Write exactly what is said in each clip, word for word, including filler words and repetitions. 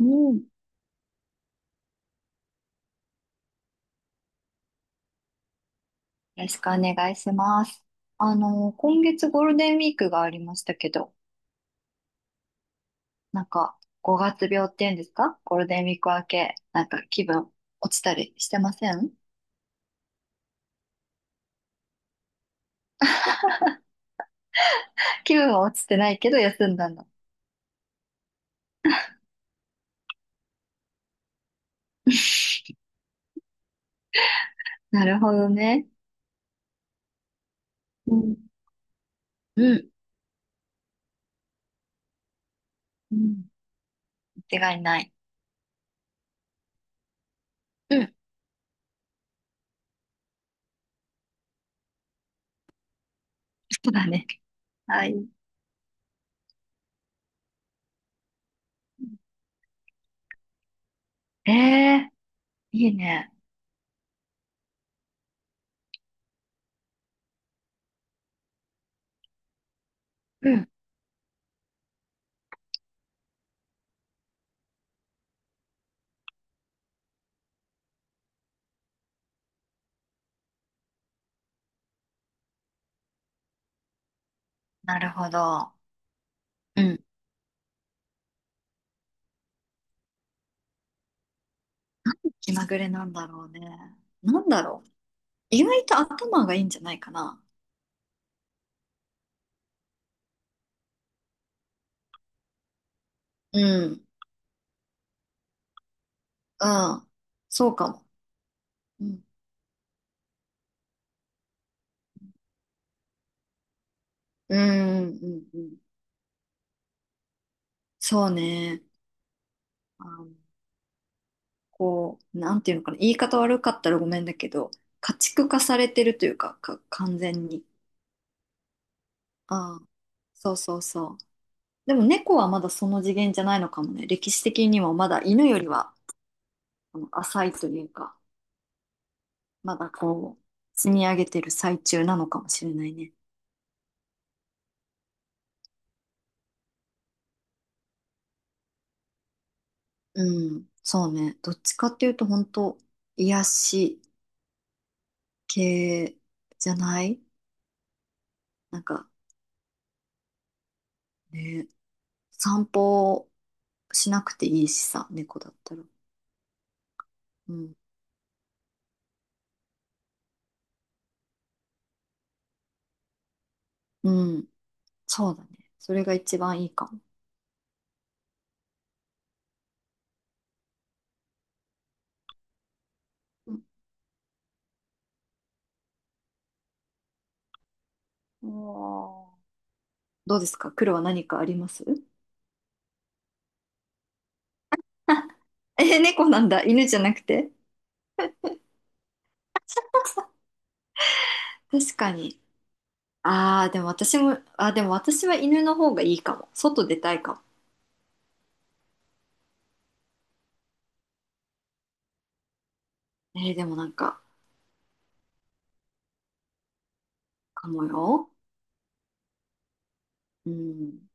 うん。よろしくお願いします。あの、今月ゴールデンウィークがありましたけど、なんか、ごがつ病っていうんですか？ゴールデンウィーク明け、なんか気分落ちたりしてません？ 気分は落ちてないけど休んだんだ。なるほどね。うん。うん。うん。間違いない。うん。そうだね。はい。ええー、いいね。うん。なるほど。うん。気まぐれなんだろうね。なんだろう。意外と頭がいいんじゃないかな。うん。ああ、そうかも。うん。うん、うん、うんうんうんうん、そうね。あの、こう、なんていうのかな。言い方悪かったらごめんだけど、家畜化されてるというか、か、完全に。ああ、そうそうそう。でも猫はまだその次元じゃないのかもね。歴史的にもまだ犬よりは、あの、浅いというか、まだこう、積み上げてる最中なのかもしれないね。うん、そうね。どっちかっていうと、本当、癒し系じゃない？なんかね、散歩しなくていいしさ、猫だったら。うん。うん。そうだね。それが一番いいかも。うん。おー、どうですか？黒は何かあります？ え、猫なんだ。犬じゃなくて。確かに。ああ、でも私も、あー、でも私は犬の方がいいかも。外出たいかも。えーでもなんか、かもよ。うん。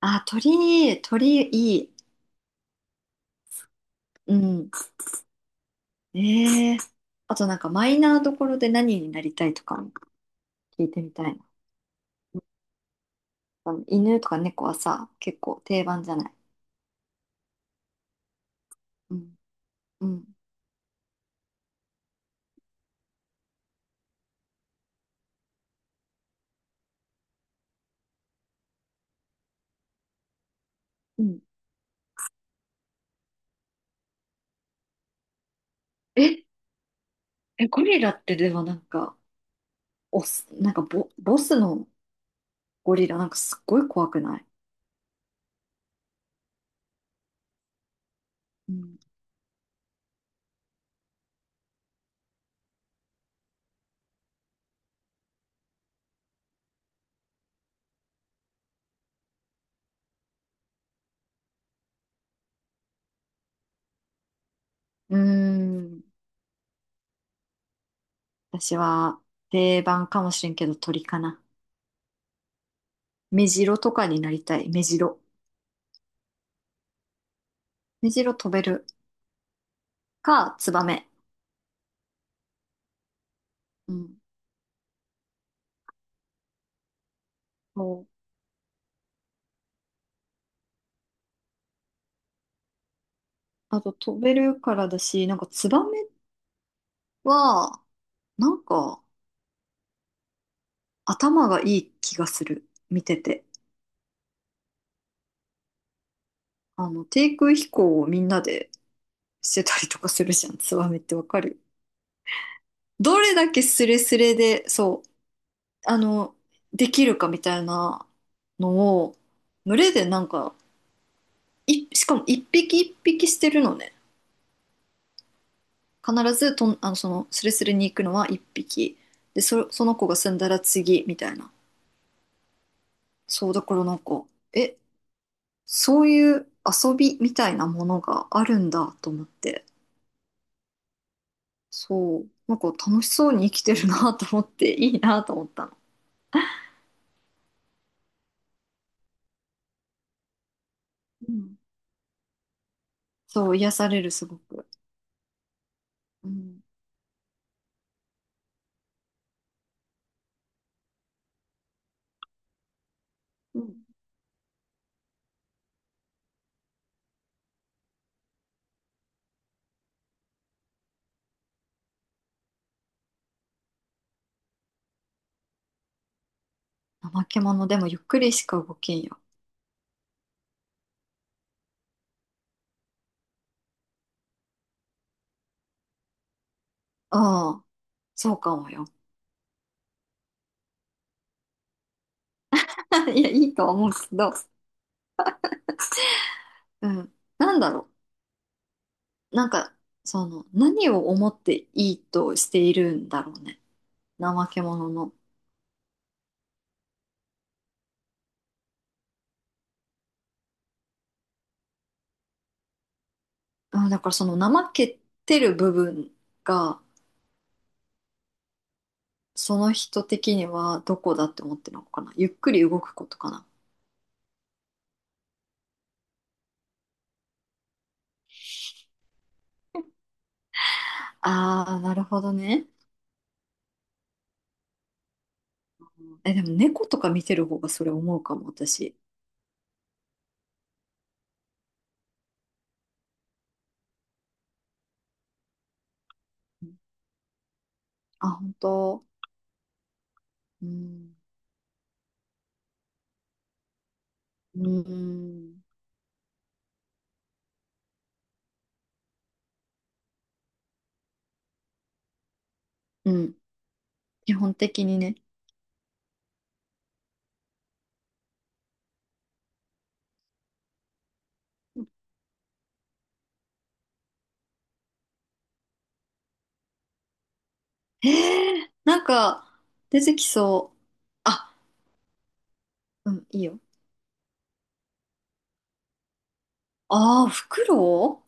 あー、鳥、鳥いい。うん。ええあとなんかマイナーどころで何になりたいとかも聞いてみたいな。あの犬とか猫はさ、結構定番じゃない？うん。うん。うん。え、え、ゴリラってでもなんか、オス、なんかボ、ボスのゴリラなんかすっごい怖くない？うん。うーん。私は定番かもしれんけど鳥かな。メジロとかになりたい。メジロ。メジロ飛べるか、ツバメ。うん。そう。あと飛べるからだし、なんかツバメは、なんか頭がいい気がする。見てて。あの、低空飛行をみんなでしてたりとかするじゃん。ツバメってわかる？どれだけスレスレで、そう、あの、できるかみたいなのを、群れでなんか、い、しかもいっぴきいっぴきしてるのね。必ずとん、あの、その、スレスレに行くのは一匹。で、そ、その子が済んだら次、みたいな。そう、だからなんか、え、そういう遊びみたいなものがあるんだと思って。そう、なんか楽しそうに生きてるなと思って、いいなと思ったの。うん。そう、癒される、すごく。うん。うん。怠け者でもゆっくりしか動けんよ。ああ、そうかもよ。いや、いいとは思うけど、うん。なんだろう。なんか、その、何を思っていいとしているんだろうね。怠け者の。うん、だからその怠けてる部分が、その人的にはどこだって思ってるのかな。ゆっくり動くことかな。ああ、なるほどね。え、でも猫とか見てる方がそれ思うかも、私。あ、本当。うん。うん。うん。基本的にね。えー、なんか、出てきそう。あ、うん、いいよ。ああ、フクロ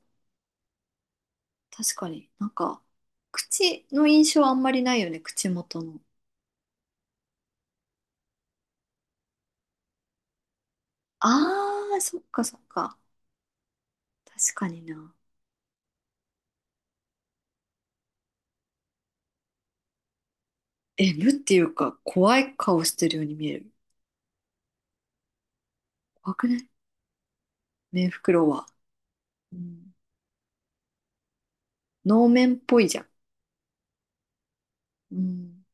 ウ確かに。なんか、口の印象あんまりないよね、口元の。ああ、そっかそっか。確かにな。え、無っていうか、怖い顔してるように見える。怖くない？メンフクロウは。うん。能面っぽいじゃん。うん。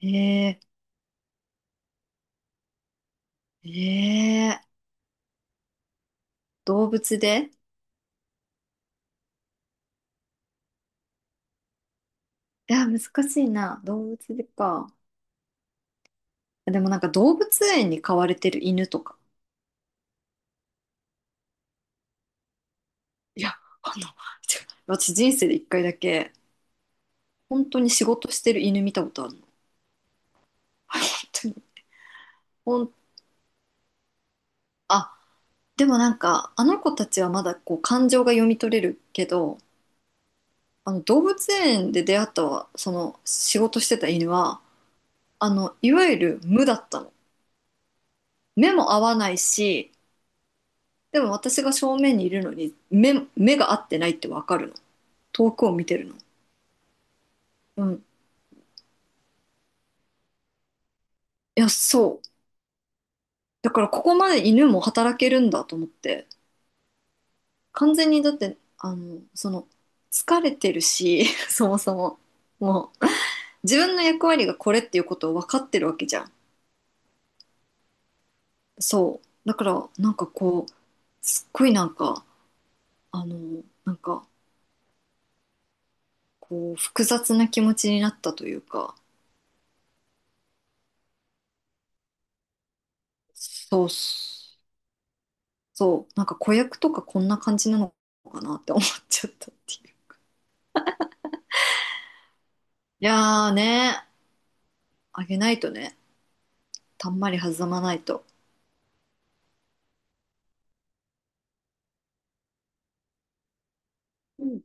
えー、えー、動物でいや、難しいな。動物でか。でもなんか動物園に飼われてる犬とか。いや、あの、違う私人生でいっかいだけ、本当に仕事してる犬見たことあるの。本当に。ほん、あ、でもなんか、あの子たちはまだこう感情が読み取れるけど、あの動物園で出会ったわその仕事してた犬は、あの、いわゆる無だったの。目も合わないし、でも私が正面にいるのに目目が合ってないってわかるの。遠くを見てるの。うん。いや、そう、だからここまで犬も働けるんだと思って。完全にだってあのその疲れてるし そもそももう自分の役割がこれっていうことを分かってるわけじゃん。そうだからなんか、こう、すっごいなんか、あのなんか、こう、複雑な気持ちになったというか。そうっす。そう、なんか子役とかこんな感じなのかなって思っちゃったっていう。いやーね、あげないとね、たんまり弾まないと。うん。